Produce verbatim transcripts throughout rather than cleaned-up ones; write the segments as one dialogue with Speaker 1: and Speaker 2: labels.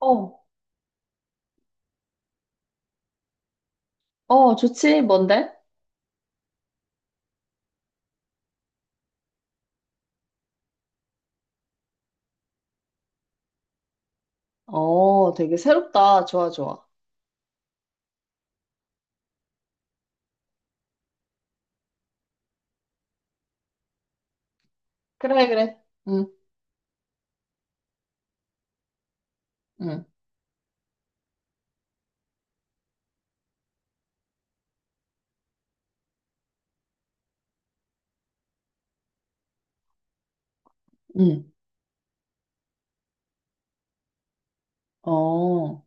Speaker 1: 어, 어, 좋지. 뭔데? 어, 되게 새롭다. 좋아, 좋아. 그래, 그래. 응, 응, 응. 어,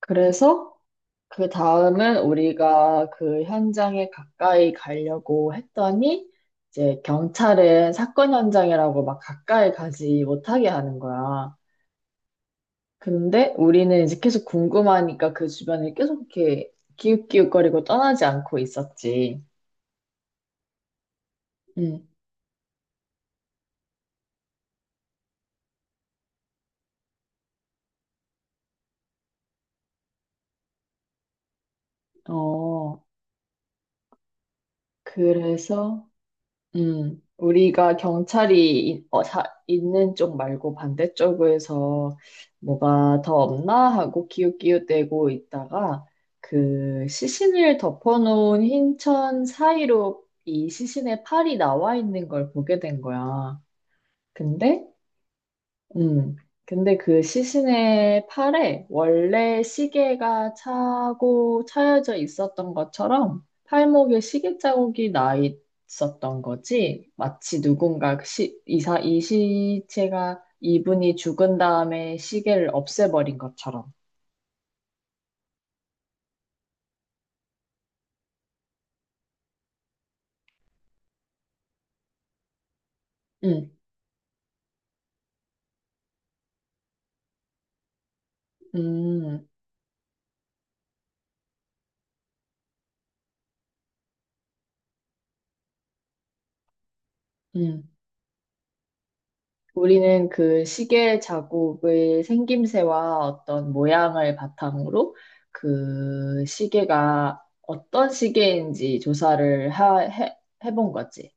Speaker 1: 그래서 그 다음은 우리가 그 현장에 가까이 가려고 했더니 이제 경찰은 사건 현장이라고 막 가까이 가지 못하게 하는 거야. 근데 우리는 이제 계속 궁금하니까 그 주변을 계속 이렇게 기웃기웃거리고 떠나지 않고 있었지. 응, 어, 그래서 음, 우리가 경찰이 이- 어, 자, 있는 쪽 말고 반대쪽에서 뭐가 더 없나 하고 기웃기웃대고 있다가 그 시신을 덮어놓은 흰 천 사이로 이 시신의 팔이 나와 있는 걸 보게 된 거야. 근데 음. 근데 그 시신의 팔에 원래 시계가 차고 차여져 있었던 것처럼 팔목에 시계 자국이 나 있었던 거지. 마치 누군가 그 시, 이사, 이 시체가 이분이 죽은 다음에 시계를 없애버린 것처럼. 음, 음, 음. 우리는 그 시계 자국의 생김새와 어떤 모양을 바탕으로 그 시계가 어떤 시계인지 조사를 하, 해, 해본 거지.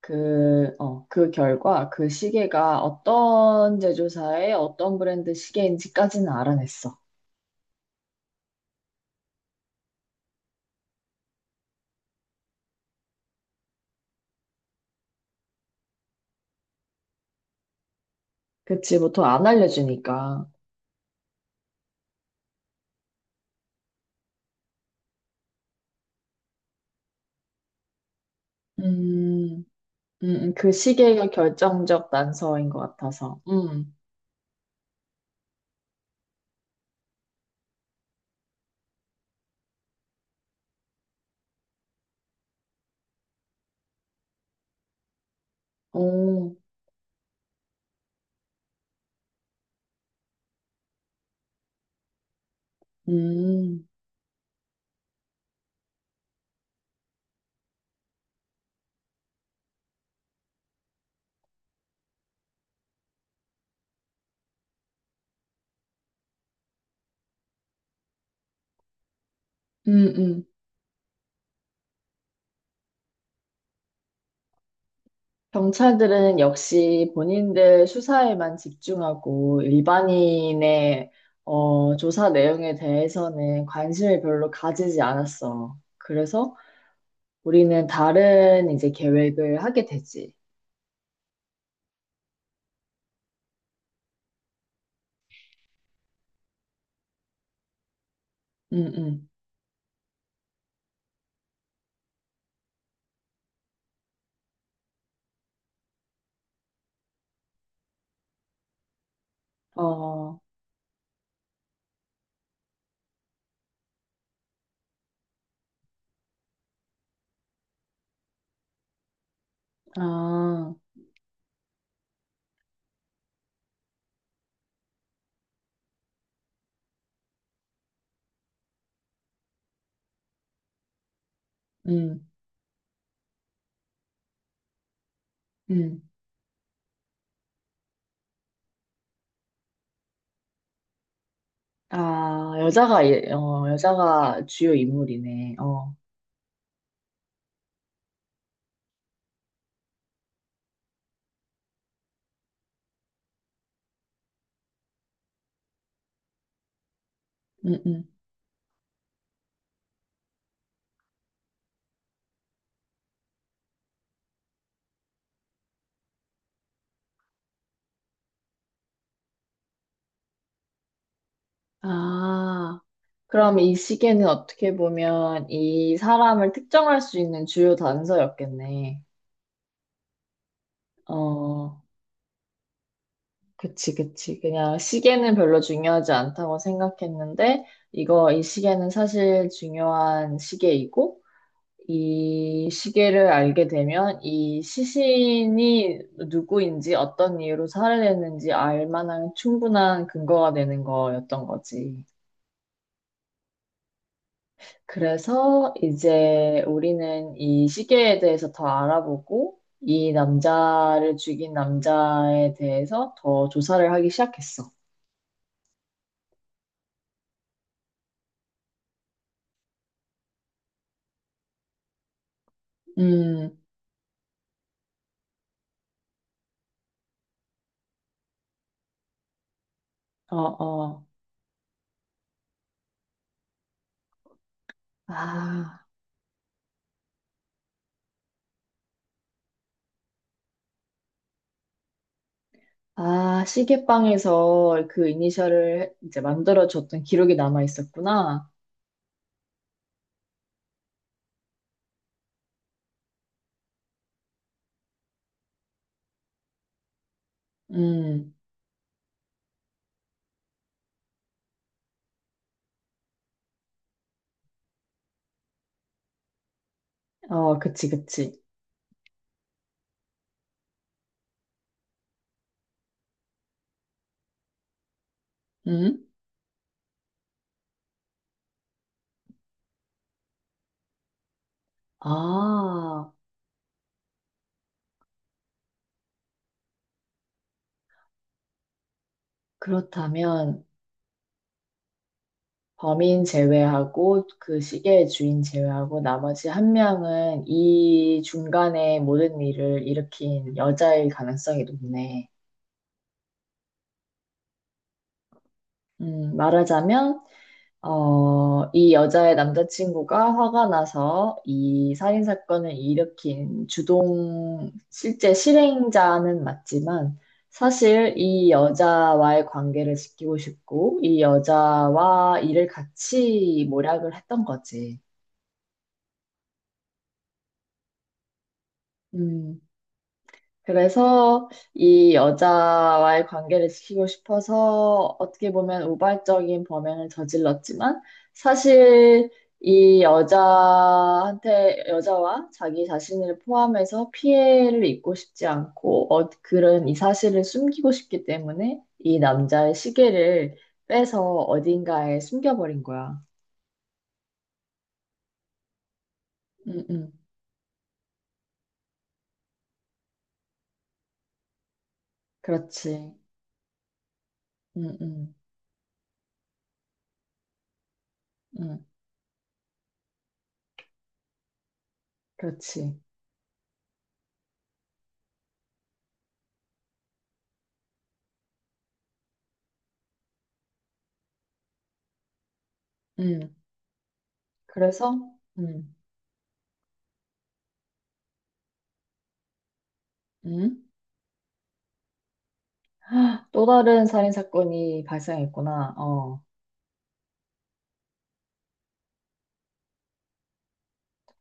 Speaker 1: 그, 어, 그 결과 그 시계가 어떤 제조사의 어떤 브랜드 시계인지까지는 알아냈어. 그치, 보통 안 알려주니까. 음, 음, 음, 그 시계가 결정적 난서인 것 같아서. 음, 오, 음, 음, 음. 경찰들은 역시 본인들 수사에만 집중하고 일반인의 어, 조사 내용에 대해서는 관심을 별로 가지지 않았어. 그래서 우리는 다른 이제 계획을 하게 되지. 응응. 어, 아, 응응. 아, 여자가, 이- 어, 여자가 주요 인물이네. 어, 응응 아. 그럼 이 시계는 어떻게 보면 이 사람을 특정할 수 있는 주요 단서였겠네. 어, 그치, 그치. 그냥 시계는 별로 중요하지 않다고 생각했는데, 이거, 이 시계는 사실 중요한 시계이고, 이 시계를 알게 되면 이 시신이 누구인지 어떤 이유로 살해됐는지 알 만한 충분한 근거가 되는 거였던 거지. 그래서 이제 우리는 이 시계에 대해서 더 알아보고 이 남자를 죽인 남자에 대해서 더 조사를 하기 시작했어. 음, 어, 어. 아, 아, 시계방에서 그 이니셜을 이제 만들어줬던 기록이 남아 있었구나. 음, 어, 그치, 그치. 음? 아, 그렇다면. 범인 제외하고 그 시계의 주인 제외하고 나머지 한 명은 이 중간에 모든 일을 일으킨 여자일 가능성이 높네. 음, 말하자면, 어, 이 여자의 남자친구가 화가 나서 이 살인 사건을 일으킨 주동, 실제 실행자는 맞지만, 사실 이 여자와의 관계를 지키고 싶고, 이 여자와 일을 같이 모략을 했던 거지. 음, 그래서 이 여자와의 관계를 지키고 싶어서 어떻게 보면 우발적인 범행을 저질렀지만 사실 이 여자한테, 여자와 자기 자신을 포함해서 피해를 입고 싶지 않고 어, 그런 이 사실을 숨기고 싶기 때문에 이 남자의 시계를 빼서 어딘가에 숨겨버린 거야. 응, 응. 그렇지. 응, 응, 응. 그렇지. 응. 그래서, 응. 응? 또 다른 살인 사건이 발생했구나. 어,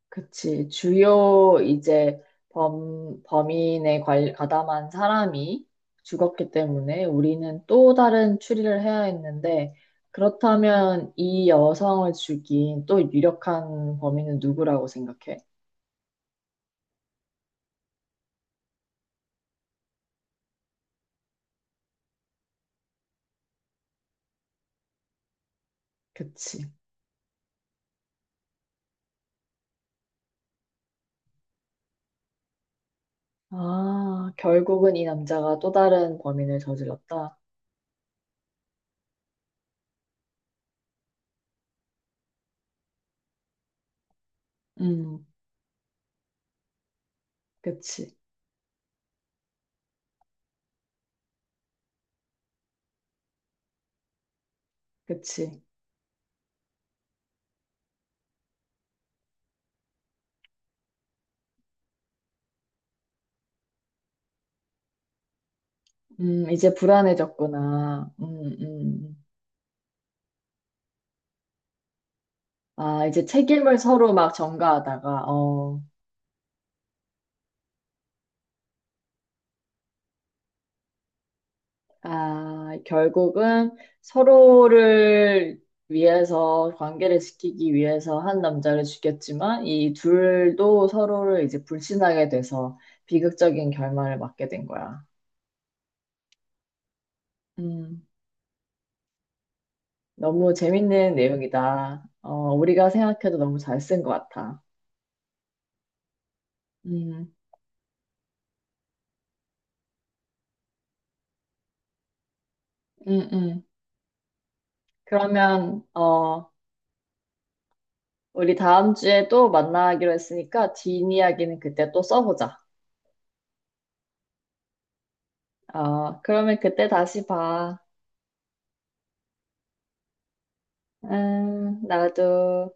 Speaker 1: 그치. 주요 이제 범, 범인에 관, 가담한 사람이 죽었기 때문에 우리는 또 다른 추리를 해야 했는데, 그렇다면 이 여성을 죽인 또 유력한 범인은 누구라고 생각해? 그치. 아, 결국은 이 남자가 또 다른 범인을 저질렀다. 음, 그치. 그치. 음, 이제 불안해졌구나. 음, 음. 아, 이제 책임을 서로 막 전가하다가, 어, 아, 결국은 서로를 위해서, 관계를 지키기 위해서 한 남자를 죽였지만, 이 둘도 서로를 이제 불신하게 돼서 비극적인 결말을 맞게 된 거야. 음, 너무 재밌는 내용이다. 어, 우리가 생각해도 너무 잘 쓴 것 같아. 음, 음, 음. 그러면, 어, 우리 다음 주에 또 만나기로 했으니까, 뒷이야기는 그때 또 써보자. 어, 그러면 그때 다시 봐. 음, 나도.